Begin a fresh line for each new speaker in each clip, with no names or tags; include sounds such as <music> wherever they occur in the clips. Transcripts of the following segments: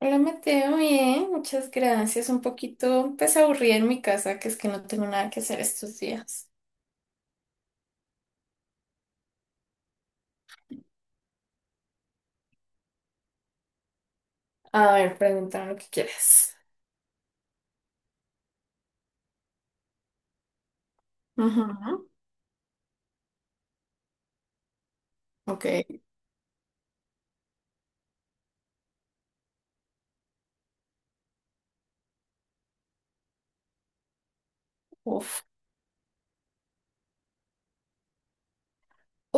Hola Mateo, bien, muchas gracias. Un poquito, pues aburrida en mi casa, que es que no tengo nada que hacer estos días. A ver, pregúntame lo que quieras. Ujú. Ok. Uf.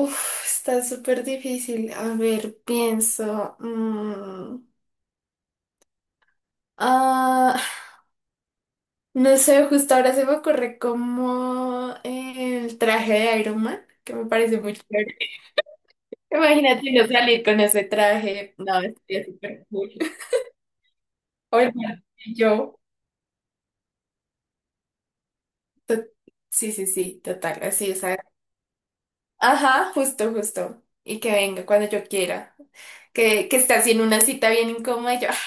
Uf, está súper difícil. A ver, pienso. Ah, no sé, justo ahora se me ocurre como el traje de Iron Man, que me parece muy chévere. Imagínate no salir con ese traje. No, estaría súper cool. <laughs> Oye, yo. to- sí, sí, sí, total, así, o sea, ajá, justo, justo, y que venga cuando yo quiera, que está haciendo una cita bien incómoda y yo,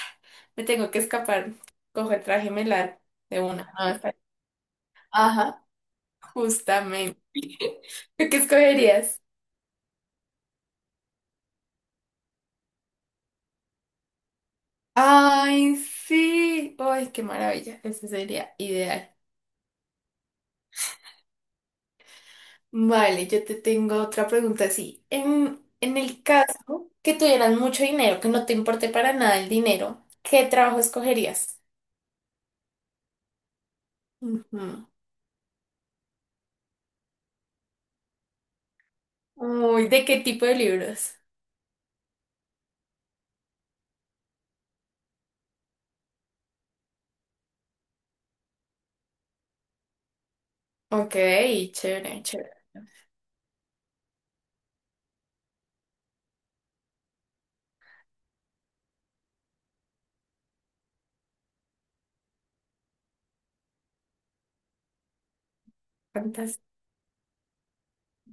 me tengo que escapar, cojo el traje y me largo de una, no, ajá, justamente. ¿Tú qué escogerías? Ay, sí, ay, qué maravilla, eso sería ideal. Vale, yo te tengo otra pregunta así. En el caso que tuvieras mucho dinero, que no te importe para nada el dinero, ¿qué trabajo escogerías? Ujú. Uy, ¿de qué tipo de libros? Ok, chévere, chévere. Fantástico.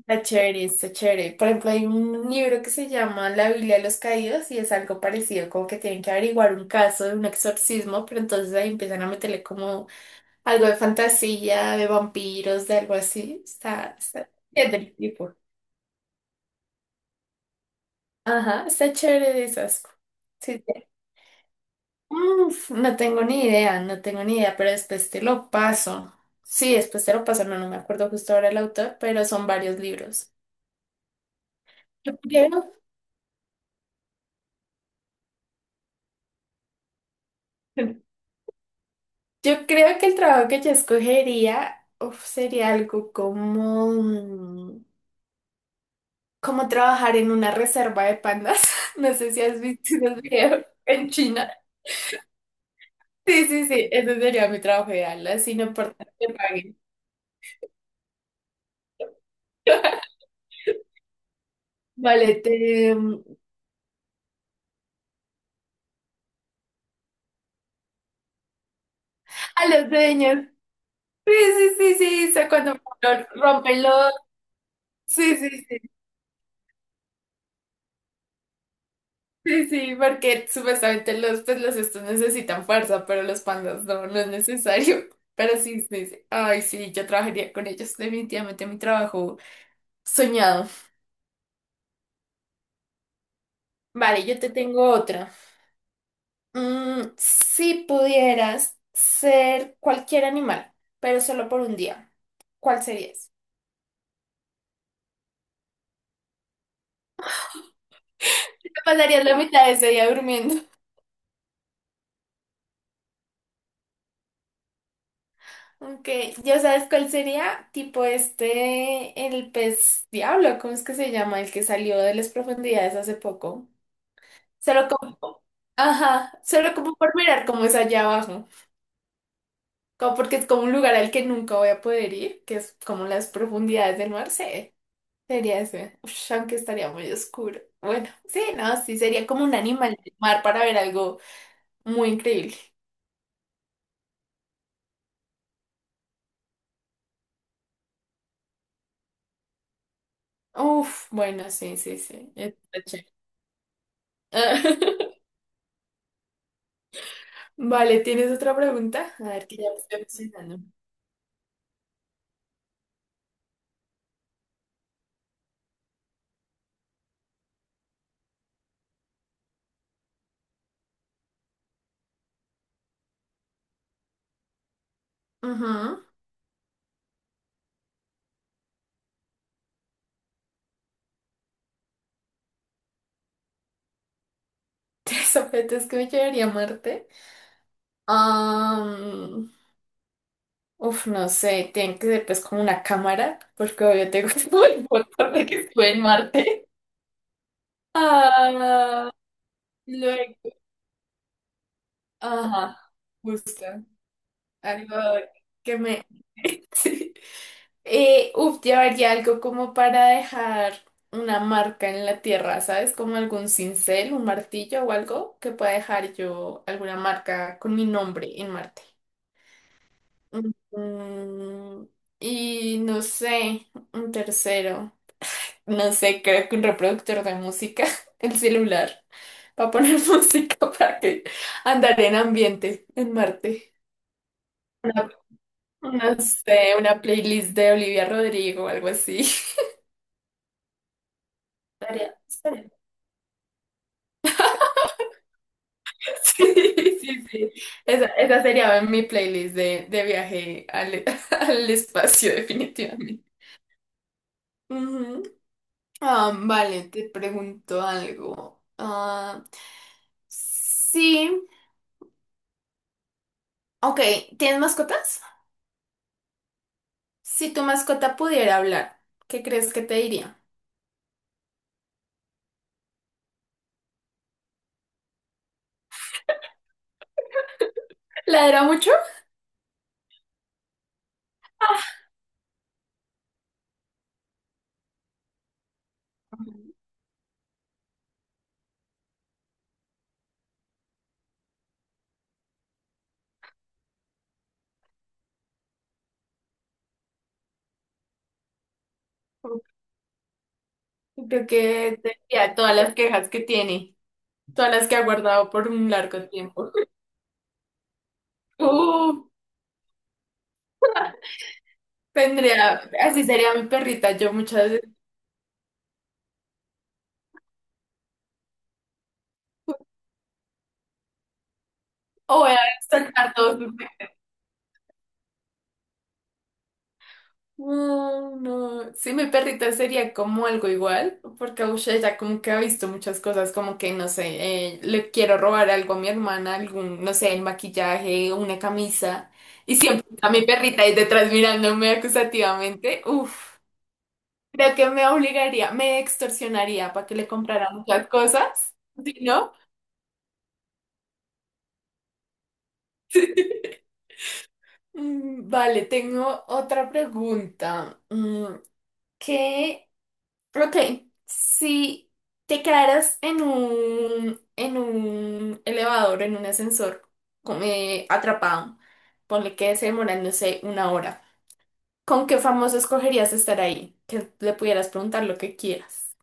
Está chévere, está chévere. Por ejemplo, hay un libro que se llama La Biblia de los Caídos y es algo parecido, como que tienen que averiguar un caso de un exorcismo, pero entonces ahí empiezan a meterle como algo de fantasía, de vampiros, de algo así. Es del tipo. Ajá, está chévere de esas. Sí, uf, no tengo ni idea, no tengo ni idea, pero después te lo paso. Sí, después te lo paso, no, no me acuerdo justo ahora el autor, pero son varios libros. Yo creo, yo creo que el trabajo que yo escogería, uf, sería algo como, como trabajar en una reserva de pandas. <laughs> No sé si has visto los videos en China. Sí, sí, sí, ese sería mi trabajo ideal, así no importa que paguen. <laughs> Vale, te... A los dueños. Sí, sí, sí, sí, o sea, cuando lo rompen los... Sí, sí, sí, sí, sí, porque supuestamente los, pues, los estos necesitan fuerza, pero los pandas no, no es necesario. <laughs> Pero sí, sí, sí. Ay, sí, yo trabajaría con ellos, definitivamente mi trabajo soñado. Vale, yo te tengo otra. Mm, si pudieras ser cualquier animal, pero solo por un día, ¿cuál serías? Te pasarías la mitad de ese día durmiendo. Ok, ¿ya sabes cuál sería? Tipo este, el pez diablo, ¿cómo es que se llama? El que salió de las profundidades hace poco. Solo como, ajá, solo como por mirar cómo es allá abajo. Como porque es como un lugar al que nunca voy a poder ir, que es como las profundidades del mar, sí. Sería ese. Ush, aunque estaría muy oscuro. Bueno, sí, no, sí, sería como un animal del mar para ver algo muy increíble. Uf, bueno, sí, sí, sí. Está chévere. <laughs> Vale, ¿tienes otra pregunta? A ver, que ya me estoy emocionando. Ajá. Tres objetos que me llevaría a Marte. Am, uf, no sé, tienen que ser pues como una cámara, porque obvio tengo <laughs> todo el motor de que estuve en Marte. Ah, luego, ajá, justo. Algo que me... <laughs> Sí. Uf, llevaría algo como para dejar una marca en la tierra, ¿sabes? Como algún cincel, un martillo o algo que pueda dejar yo alguna marca con mi nombre en Marte. Mm, y no sé, un tercero. No sé, creo que un reproductor de música, <laughs> el celular, para poner <laughs> música para que andar en ambiente en Marte. Una- no sé, una playlist de Olivia Rodrigo o algo así. <laughs> Estaría- <laughs> Sí, sí, sí. Esa sería mi playlist de viaje al, <laughs> al espacio, definitivamente. Ujú. Ah, vale, te pregunto algo. Sí. Ok, ¿tienes mascotas? Si tu mascota pudiera hablar, ¿qué crees que te diría? ¿Ladra mucho? Creo que te diría todas las quejas que tiene, todas las que ha guardado por un largo tiempo. <laughs> Uh, tendría, así sería mi perrita. Yo muchas o voy a sacar todos no, no. Sí, mi perrita sería como algo igual, porque ush, ella como que ha visto muchas cosas, como que, no sé, le quiero robar algo a mi hermana, algún, no sé, el maquillaje, una camisa, y siempre a mi perrita ahí detrás mirándome acusativamente. Uf, creo que me obligaría, me extorsionaría para que le comprara muchas cosas, ¿sí, no? Mm, vale, tengo otra pregunta. Mm, ¿qué? Ok, si te quedaras en un elevador, en un ascensor, atrapado, ponle que se demoran, no sé, una hora, ¿con qué famoso escogerías estar ahí? Que le pudieras preguntar lo que quieras.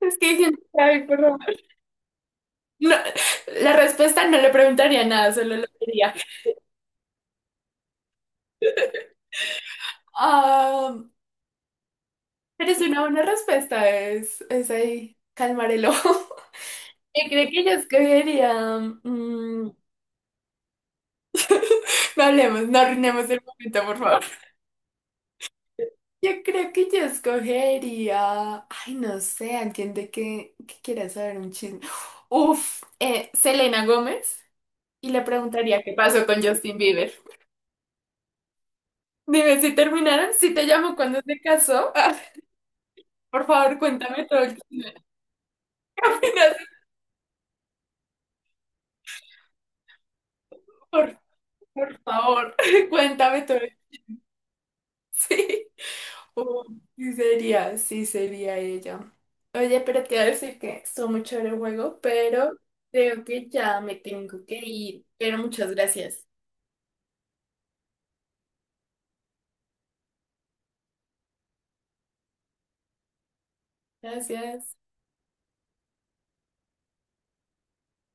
Es que siento que, ay, por favor. No, la respuesta no le preguntaría nada, solo le diría. Ah, pero es una buena respuesta, es ahí, calmar el ojo. <laughs> Yo creo que yo escogería. Mm, no hablemos, no arruinemos el momento, por favor. Yo creo que yo escogería, ay, no sé, alguien de que quiera saber un chisme. Uf, Selena Gómez y le preguntaría qué pasó con Justin Bieber. Dime si terminaron, si te llamo cuando se casó. Ah, por favor, cuéntame todo el chisme. <laughs> ¿Qué opinas? Por, por favor, <laughs> cuéntame todo el- Sí. Oh, sí sería ella. Oye, pero te voy a decir que estuvo muy chévere el juego, pero creo que ya me tengo que ir. Pero muchas gracias. Gracias.